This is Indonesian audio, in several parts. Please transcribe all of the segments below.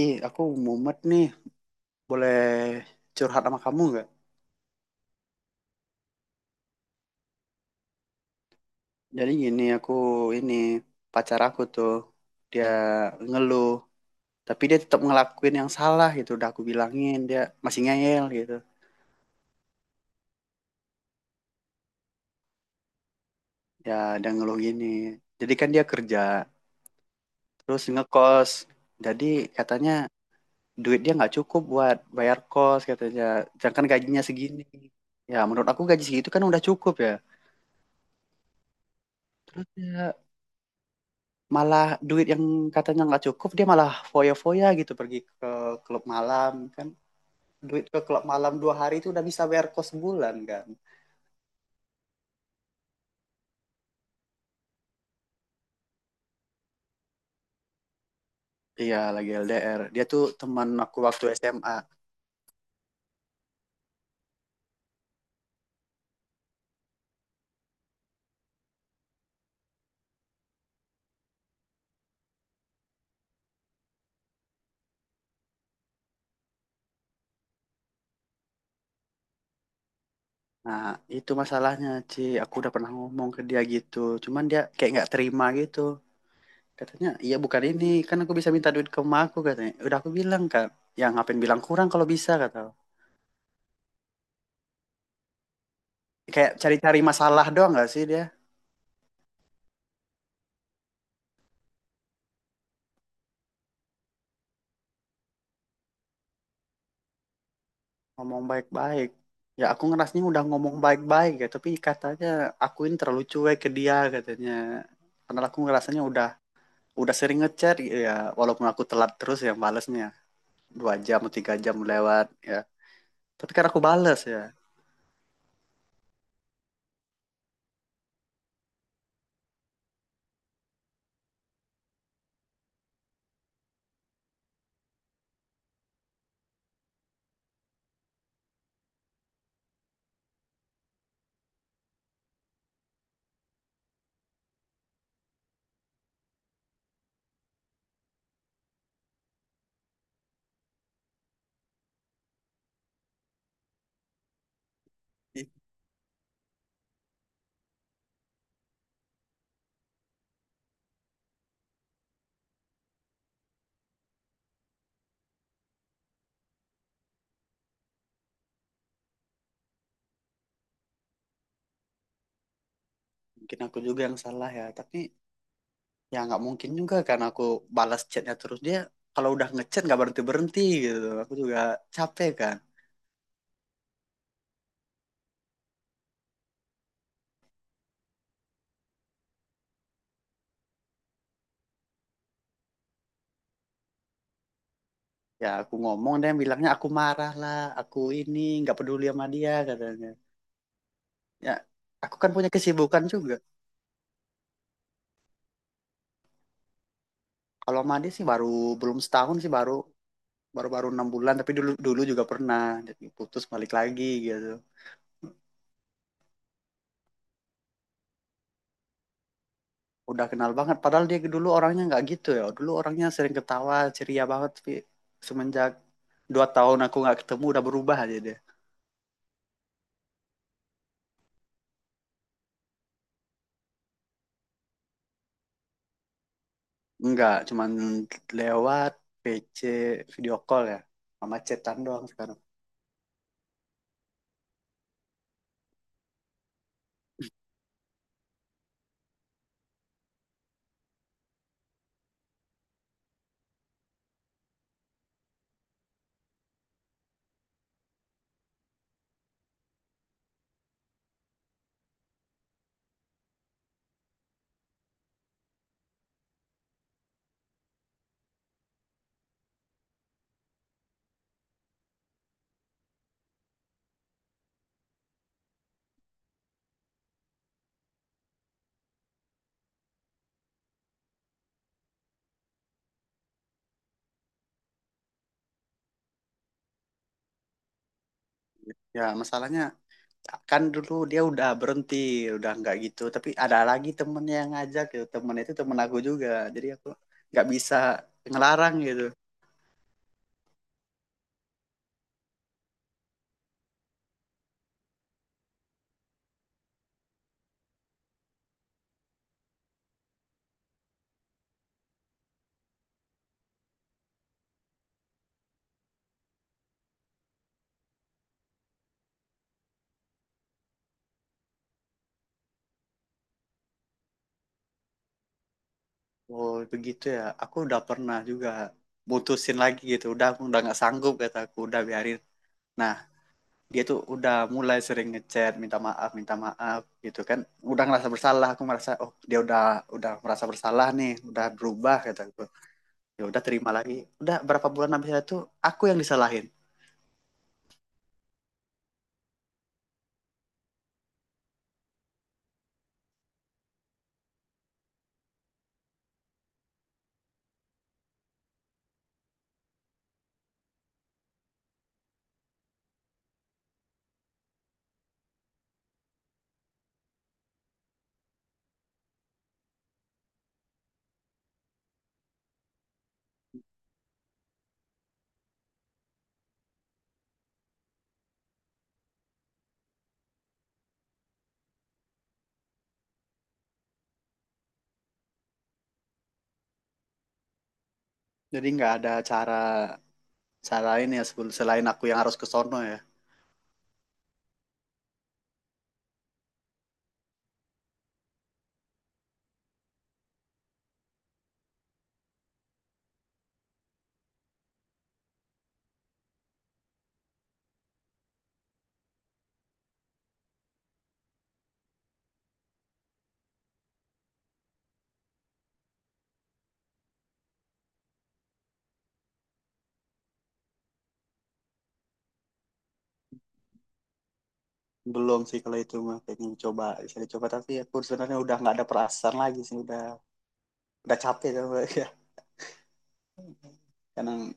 Ih, aku mumet nih. Boleh curhat sama kamu nggak? Jadi gini, aku ini pacar aku tuh dia ngeluh, tapi dia tetap ngelakuin yang salah gitu. Udah aku bilangin dia masih ngeyel gitu. Ya, dia ngeluh gini. Jadi kan dia kerja, terus ngekos. Jadi katanya duit dia nggak cukup buat bayar kos katanya. Jangan gajinya segini. Ya, menurut aku gaji segitu kan udah cukup ya. Terus ya malah duit yang katanya nggak cukup dia malah foya-foya gitu pergi ke klub malam kan, duit ke klub malam dua hari itu udah bisa bayar kos sebulan kan. Iya, lagi LDR, dia tuh teman aku waktu SMA. Nah itu masalahnya, Ci, aku udah pernah ngomong ke dia gitu, cuman dia kayak nggak terima gitu. Katanya iya bukan, ini kan aku bisa minta duit ke emak aku katanya. Udah aku bilang kan, yang ngapain bilang kurang kalau bisa kata, kayak cari-cari masalah doang gak sih dia. Ngomong baik-baik, ya aku ngerasnya udah ngomong baik-baik ya, tapi katanya aku ini terlalu cuek ke dia katanya, karena aku ngerasanya udah sering ngechat gitu ya. Walaupun aku telat terus yang balesnya dua jam atau tiga jam lewat, ya tapi kan aku bales ya. Ih, mungkin aku juga yang salah ya, tapi ya nggak mungkin juga karena aku balas chatnya terus dia, kalau udah ngechat nggak berhenti berhenti gitu aku juga capek kan. Ya aku ngomong dia bilangnya aku marah lah, aku ini nggak peduli sama dia katanya. Ya aku kan punya kesibukan juga. Kalau mandi sih baru, belum setahun sih baru baru baru enam bulan, tapi dulu dulu juga pernah jadi putus balik lagi gitu. Udah kenal banget, padahal dia dulu orangnya nggak gitu ya, dulu orangnya sering ketawa ceria banget, tapi semenjak dua tahun aku nggak ketemu udah berubah aja dia. Enggak, cuman lewat PC, video call ya, sama chatan doang sekarang. Ya masalahnya kan dulu dia udah berhenti, udah nggak gitu, tapi ada lagi temen yang ngajak gitu, temen itu temen aku juga, jadi aku nggak bisa ngelarang gitu. Oh begitu ya, aku udah pernah juga mutusin lagi gitu, udah aku udah nggak sanggup kata aku, udah biarin. Nah dia tuh udah mulai sering ngechat minta maaf gitu kan, udah ngerasa bersalah. Aku merasa oh dia udah merasa bersalah nih, udah berubah kata aku, ya udah terima lagi. Udah berapa bulan habis itu aku yang disalahin. Jadi nggak ada cara selain ya sebelum selain aku yang harus ke sono ya. Belum sih kalau itu mah, pengen coba, bisa dicoba, tapi aku sebenarnya udah nggak ada perasaan lagi sih, udah capek sama ya. Karena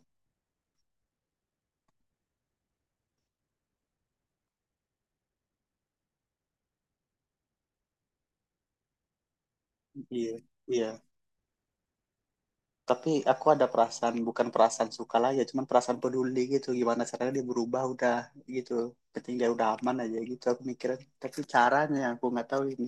iya iya, tapi aku ada perasaan, bukan perasaan suka lah ya, cuman perasaan peduli gitu, gimana caranya dia berubah udah gitu, penting dia udah aman aja gitu aku mikirnya, tapi caranya yang aku nggak tahu ini.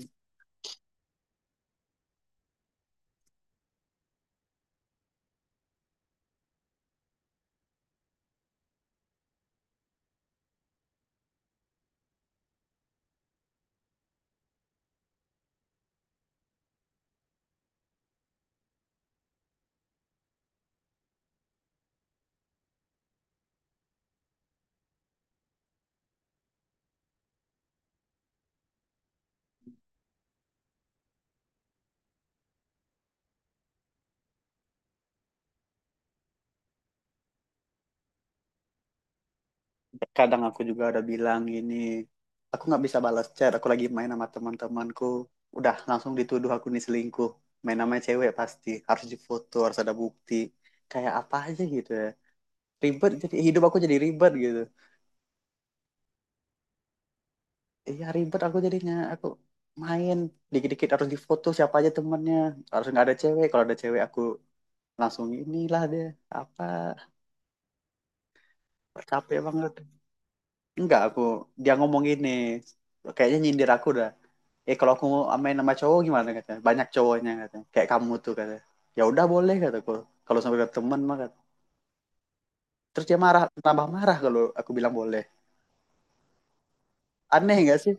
Kadang aku juga ada bilang gini, aku nggak bisa balas chat, aku lagi main sama teman-temanku, udah langsung dituduh aku nih selingkuh, main sama cewek, pasti harus difoto, harus ada bukti, kayak apa aja gitu ya. Ribet jadi hidup aku jadi ribet gitu. Iya ribet, aku jadinya aku main dikit-dikit harus difoto siapa aja temennya, harus nggak ada cewek, kalau ada cewek aku langsung inilah dia apa. Capek banget. Enggak, aku, dia ngomong gini, kayaknya nyindir aku dah. Eh kalau aku mau main sama cowok gimana katanya? Banyak cowoknya katanya. Kayak kamu tuh katanya. Ya udah boleh kataku. Kalau sampai ke teman mah kata. Terus dia marah, tambah marah kalau aku bilang boleh. Aneh enggak sih?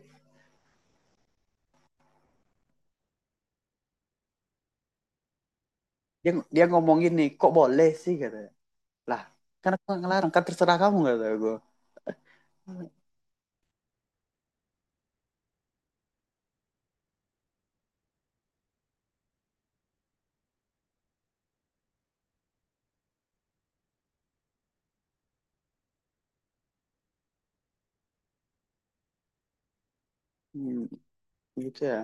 Dia dia ngomong gini, kok boleh sih katanya. Lah, kan aku nggak ngelarang, kan terserah kamu kata gue. Hmm, gitu ya.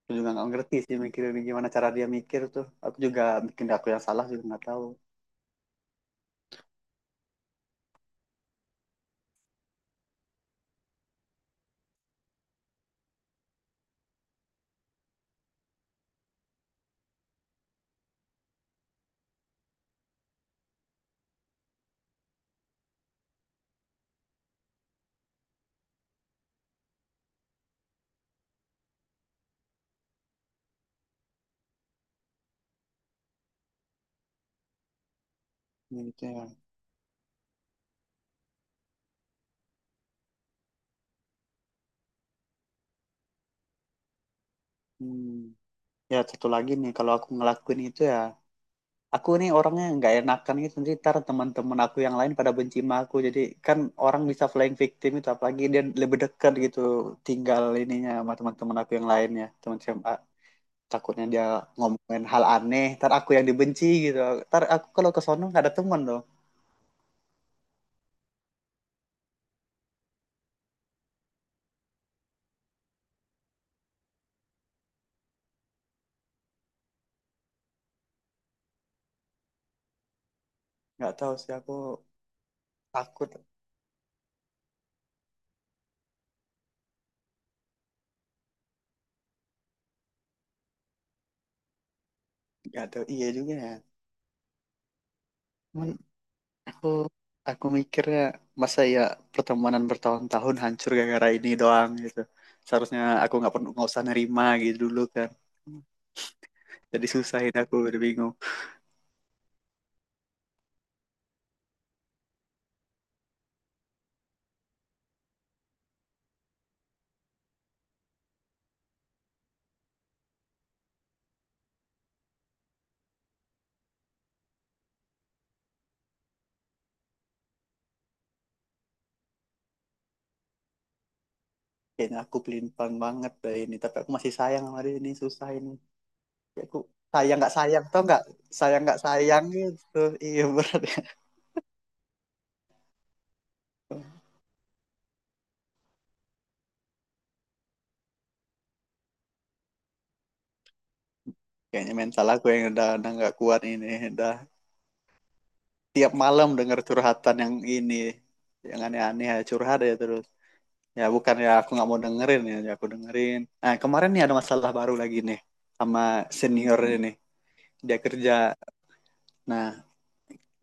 Aku juga nggak ngerti sih mikirin gimana cara dia mikir tuh. Aku juga bikin aku yang salah juga nggak tahu. Gitu ya. Hmm. Ya satu lagi nih, kalau aku ngelakuin itu ya, aku nih orangnya nggak enakan gitu, nanti ntar teman-teman aku yang lain pada benci sama aku jadi kan, orang bisa flying victim itu, apalagi dia lebih dekat gitu, tinggal ininya sama teman-teman aku yang lainnya, teman SMA, takutnya dia ngomongin hal aneh, ntar aku yang dibenci gitu, ntar aku kalau ke sono nggak ada teman loh. Nggak tahu sih aku takut. Nggak tahu, iya juga ya, cuman aku aku mikirnya masa ya pertemanan bertahun-tahun hancur gara-gara ini doang gitu, seharusnya aku nggak perlu, nggak usah nerima gitu dulu kan, jadi susahin aku udah bingung. Kayaknya aku pelintang banget dah ini, tapi aku masih sayang sama dia, ini susah ini. Ya, aku sayang nggak sayang tau nggak, sayang nggak sayang gitu. Iya berat ya. Kayaknya mental aku yang udah nggak kuat ini, udah tiap malam denger curhatan yang ini, yang aneh-aneh ya, curhat ya terus, ya bukan ya aku nggak mau dengerin ya, ya aku dengerin. Nah kemarin nih ada masalah baru lagi nih sama senior ini. Dia kerja, nah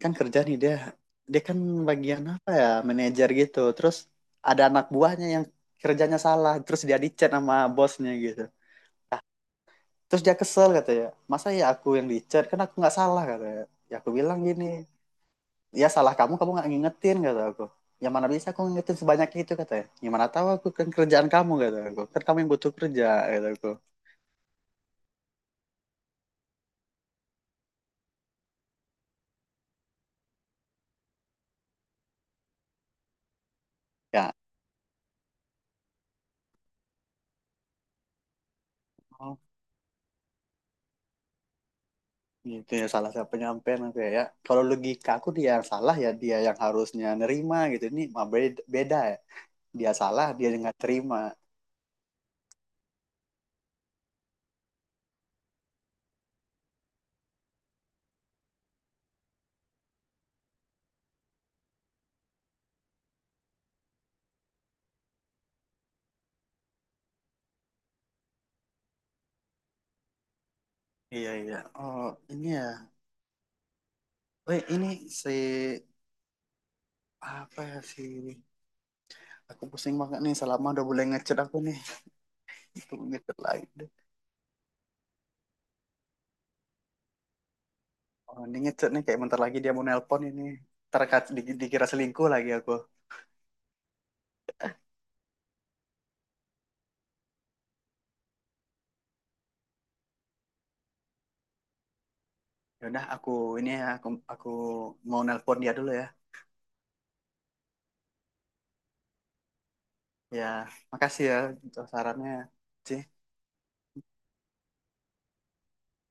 kan kerja nih dia, dia kan bagian apa ya, manajer gitu, terus ada anak buahnya yang kerjanya salah, terus dia dicat sama bosnya gitu. Nah terus dia kesel katanya, masa ya aku yang dicat, kan aku nggak salah katanya. Ya aku bilang gini, ya salah kamu, kamu nggak ngingetin kata aku, yang mana bisa aku ngingetin sebanyak itu katanya, gimana tahu aku, kan kerjaan kamu kata aku, kan kamu yang butuh kerja kata aku. Ya, oh, gitu ya, salah siapa, penyampaian aku ya. Ya, kalau logika aku dia yang salah ya, dia yang harusnya nerima gitu. Ini mah beda, beda ya. Dia salah, dia yang nggak terima. Iya iya. Oh ini ya. Weh ini si apa ya si, aku pusing banget nih, selama udah boleh ngechat aku nih. Tunggu ngechat lagi deh. Oh ini ngechat nih, kayak bentar lagi dia mau nelpon ini. Terkat dikira selingkuh lagi aku. Ya udah aku, ini ya aku mau nelpon dia dulu ya. Ya makasih ya untuk sarannya. Ci.